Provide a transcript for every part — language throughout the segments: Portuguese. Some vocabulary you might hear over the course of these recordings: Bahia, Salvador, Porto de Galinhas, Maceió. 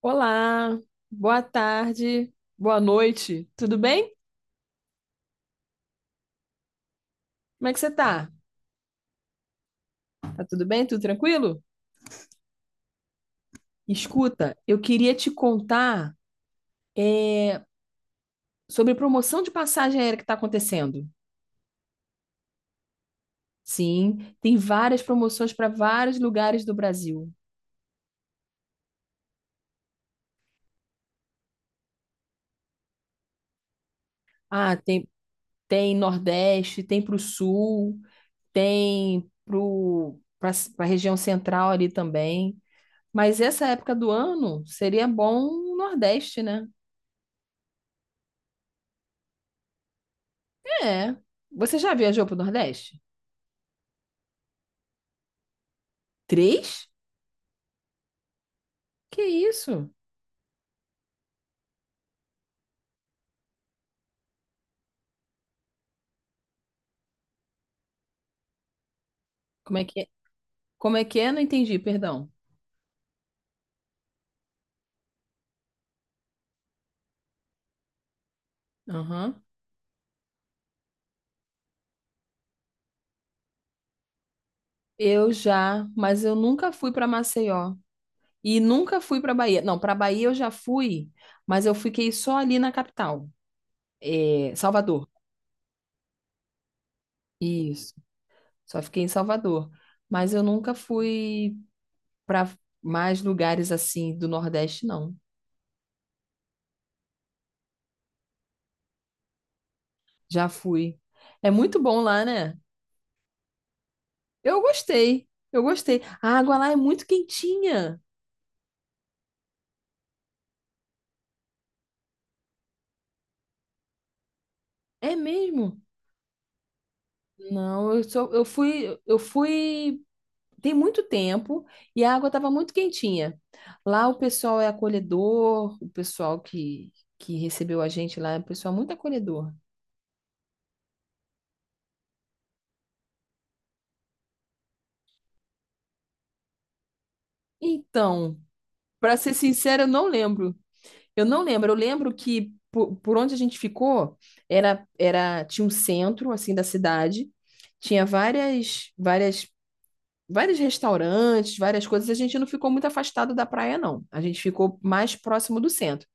Olá, boa tarde, boa noite, tudo bem? Como é que você tá? Tá tudo bem? Tudo tranquilo? Escuta, eu queria te contar é, sobre promoção de passagem aérea que está acontecendo. Sim, tem várias promoções para vários lugares do Brasil. Ah, tem Nordeste, tem para o Sul, tem para a região central ali também. Mas essa época do ano seria bom o Nordeste, né? É. Você já viajou pro Nordeste? Três? Que isso? Como é que é? Como é que é? Não entendi, perdão. Aham. Eu já, mas eu nunca fui para Maceió e nunca fui para Bahia. Não, para Bahia eu já fui, mas eu fiquei só ali na capital, Salvador. Isso. Só fiquei em Salvador, mas eu nunca fui para mais lugares assim do Nordeste, não. Já fui. É muito bom lá, né? Eu gostei, eu gostei. A água lá é muito quentinha. É mesmo? Não, eu fui tem muito tempo e a água estava muito quentinha. Lá o pessoal é acolhedor, o pessoal que recebeu a gente lá é um pessoal muito acolhedor. Então, para ser sincera, eu não lembro. Eu não lembro. Eu lembro que por onde a gente ficou era tinha um centro assim da cidade, tinha várias várias vários restaurantes, várias coisas. A gente não ficou muito afastado da praia, não. A gente ficou mais próximo do centro.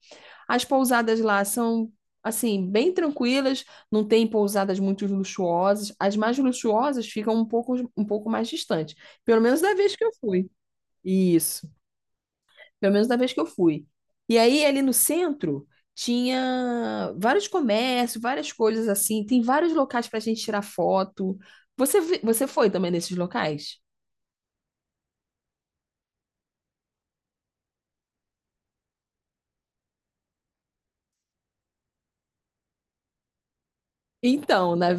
As pousadas lá são, assim, bem tranquilas, não tem pousadas muito luxuosas. As mais luxuosas ficam um pouco mais distantes, pelo menos da vez que eu fui. Isso, pelo menos da vez que eu fui. E aí, ali no centro. Tinha vários comércios, várias coisas assim. Tem vários locais para a gente tirar foto. Você foi também nesses locais? Então, na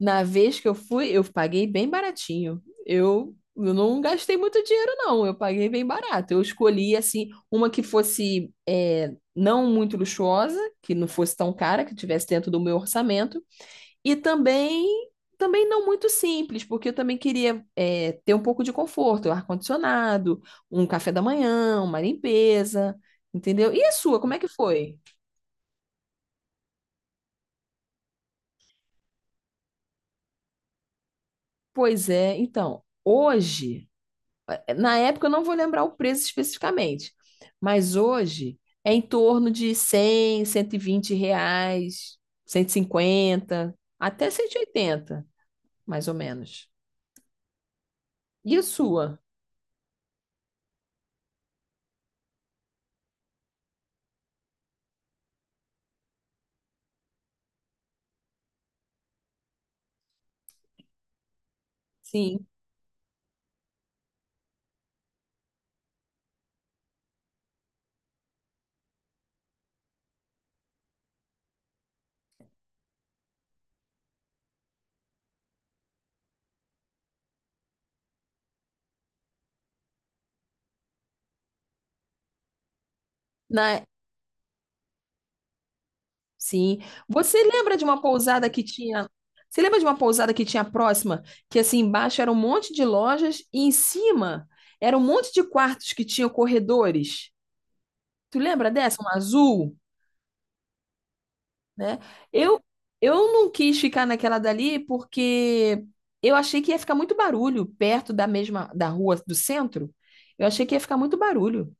Na vez que eu fui, eu paguei bem baratinho. Eu não gastei muito dinheiro, não. Eu paguei bem barato. Eu escolhi, assim, uma que fosse não muito luxuosa, que não fosse tão cara, que tivesse dentro do meu orçamento. E também não muito simples, porque eu também queria ter um pouco de conforto, um ar-condicionado, um café da manhã, uma limpeza, entendeu? E a sua, como é que foi? Pois é, então, hoje. Na época eu não vou lembrar o preço especificamente, mas hoje é em torno de 100, 120 reais, 150, até 180, mais ou menos. E a sua? Sim. Na... Sim. Você lembra de uma pousada que tinha. Você lembra de uma pousada que tinha próxima, que assim embaixo era um monte de lojas e em cima era um monte de quartos que tinham corredores? Tu lembra dessa? Um azul, né? Eu, eu não quis ficar naquela dali porque eu achei que ia ficar muito barulho perto da mesma da rua do centro. Eu achei que ia ficar muito barulho.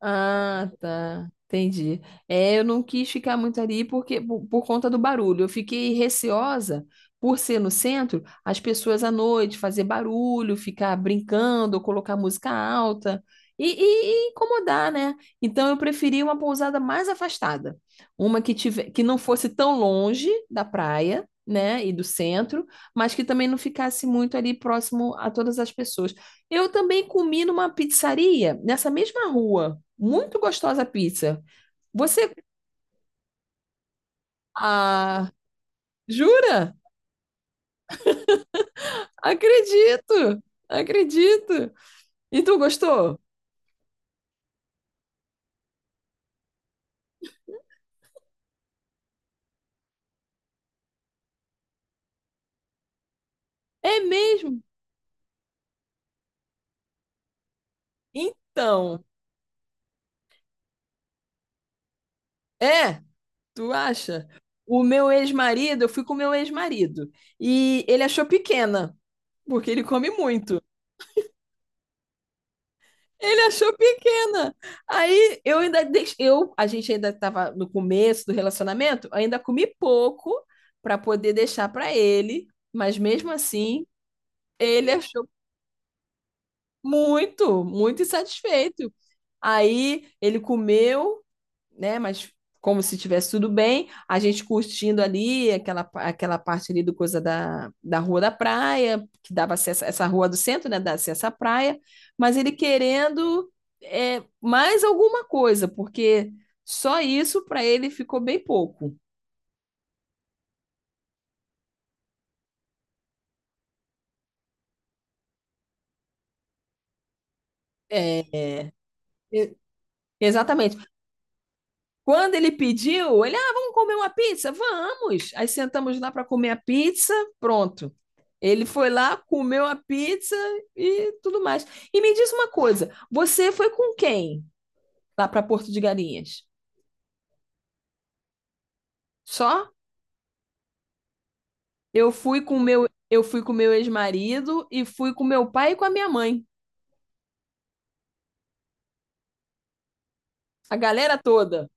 Ah, tá. Entendi. É, eu não quis ficar muito ali porque por conta do barulho. Eu fiquei receosa por ser no centro, as pessoas à noite fazer barulho, ficar brincando, colocar música alta e incomodar, né? Então eu preferi uma pousada mais afastada, que não fosse tão longe da praia. Né, e do centro, mas que também não ficasse muito ali próximo a todas as pessoas. Eu também comi numa pizzaria nessa mesma rua muito gostosa a pizza. Você. Ah, jura? Acredito! Acredito! E tu gostou? É mesmo? Então, é? Tu acha? O meu ex-marido, eu fui com o meu ex-marido. E ele achou pequena, porque ele come muito. Ele achou pequena. Aí eu ainda deix... eu, a gente ainda estava no começo do relacionamento, ainda comi pouco para poder deixar para ele, mas mesmo assim, ele achou muito, muito insatisfeito. Aí ele comeu, né? Mas como se tivesse tudo bem, a gente curtindo ali aquela parte ali do coisa da rua da praia, que dava acesso, essa rua do centro, né? Dava acesso à praia, mas ele querendo mais alguma coisa, porque só isso para ele ficou bem pouco. É, é, exatamente. Quando ele pediu, ele, ah, vamos comer uma pizza? Vamos! Aí sentamos lá para comer a pizza, pronto. Ele foi lá, comeu a pizza e tudo mais. E me diz uma coisa, você foi com quem lá para Porto de Galinhas? Só? Eu fui com o meu ex-marido e fui com meu pai e com a minha mãe. A galera toda.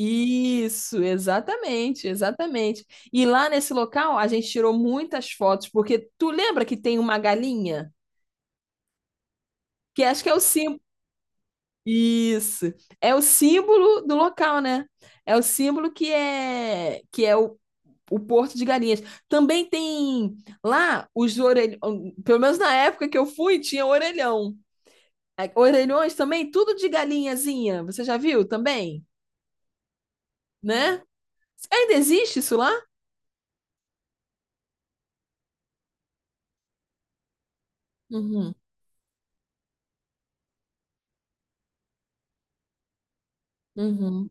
Isso, exatamente, exatamente. E lá nesse local a gente tirou muitas fotos, porque tu lembra que tem uma galinha? Que acho que é o símbolo. Isso. É o símbolo do local, né? É o símbolo que é o Porto de Galinhas. Também tem lá os orelhões, pelo menos na época que eu fui, tinha orelhão. É, orelhões também, tudo de galinhazinha. Você já viu também, né? Ainda existe isso lá? Uhum, uhum,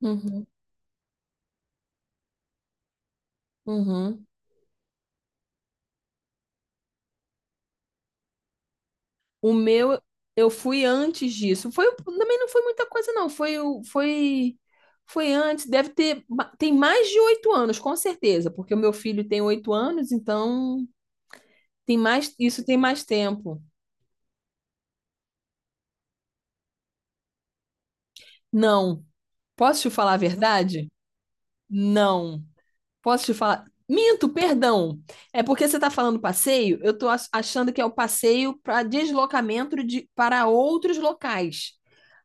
uhum, uhum. O meu, eu fui antes disso. Foi, também não foi muita coisa, não. Foi antes. Deve ter, tem mais de 8 anos, com certeza, porque o meu filho tem 8 anos, então tem mais, isso tem mais tempo. Não. Posso te falar a verdade? Não. Posso te falar? Minto, perdão. É porque você está falando passeio, eu estou achando que é o passeio para deslocamento para outros locais.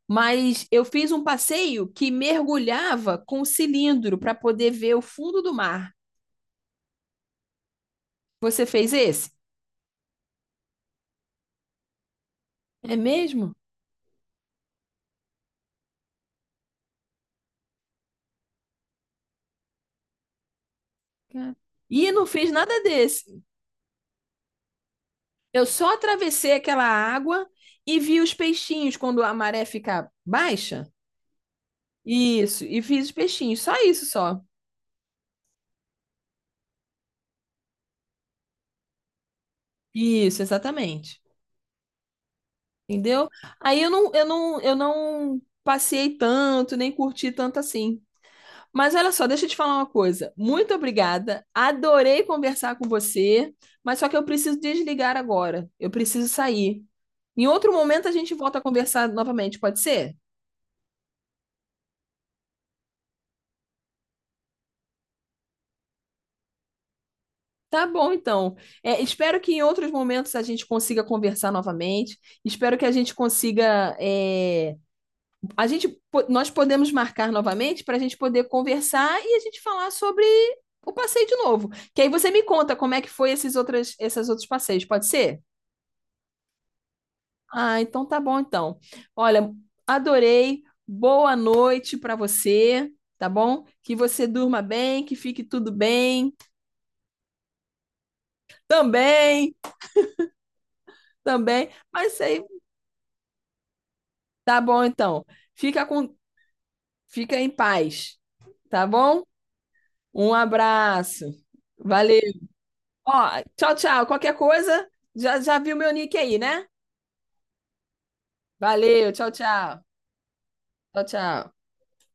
Mas eu fiz um passeio que mergulhava com um cilindro para poder ver o fundo do mar. Você fez esse? É mesmo? É. E não fiz nada desse. Eu só atravessei aquela água e vi os peixinhos quando a maré fica baixa. Isso, e fiz os peixinhos, só. Isso, exatamente. Entendeu? Aí eu não passei tanto, nem curti tanto assim. Mas olha só, deixa eu te falar uma coisa. Muito obrigada. Adorei conversar com você, mas só que eu preciso desligar agora. Eu preciso sair. Em outro momento a gente volta a conversar novamente, pode ser? Tá bom, então. É, espero que em outros momentos a gente consiga conversar novamente. Espero que a gente consiga. Nós podemos marcar novamente para a gente poder conversar e a gente falar sobre o passeio de novo. Que aí você me conta como é que foi esses outros passeios, pode ser? Ah, então tá bom então. Olha, adorei. Boa noite para você, tá bom? Que você durma bem, que fique tudo bem. Também, também. Mas aí, tá bom então. Fica com, fica em paz, tá bom? Um abraço. Valeu. Ó, tchau, tchau. Qualquer coisa, já já viu meu nick aí, né? Valeu, tchau, tchau. Tchau, tchau.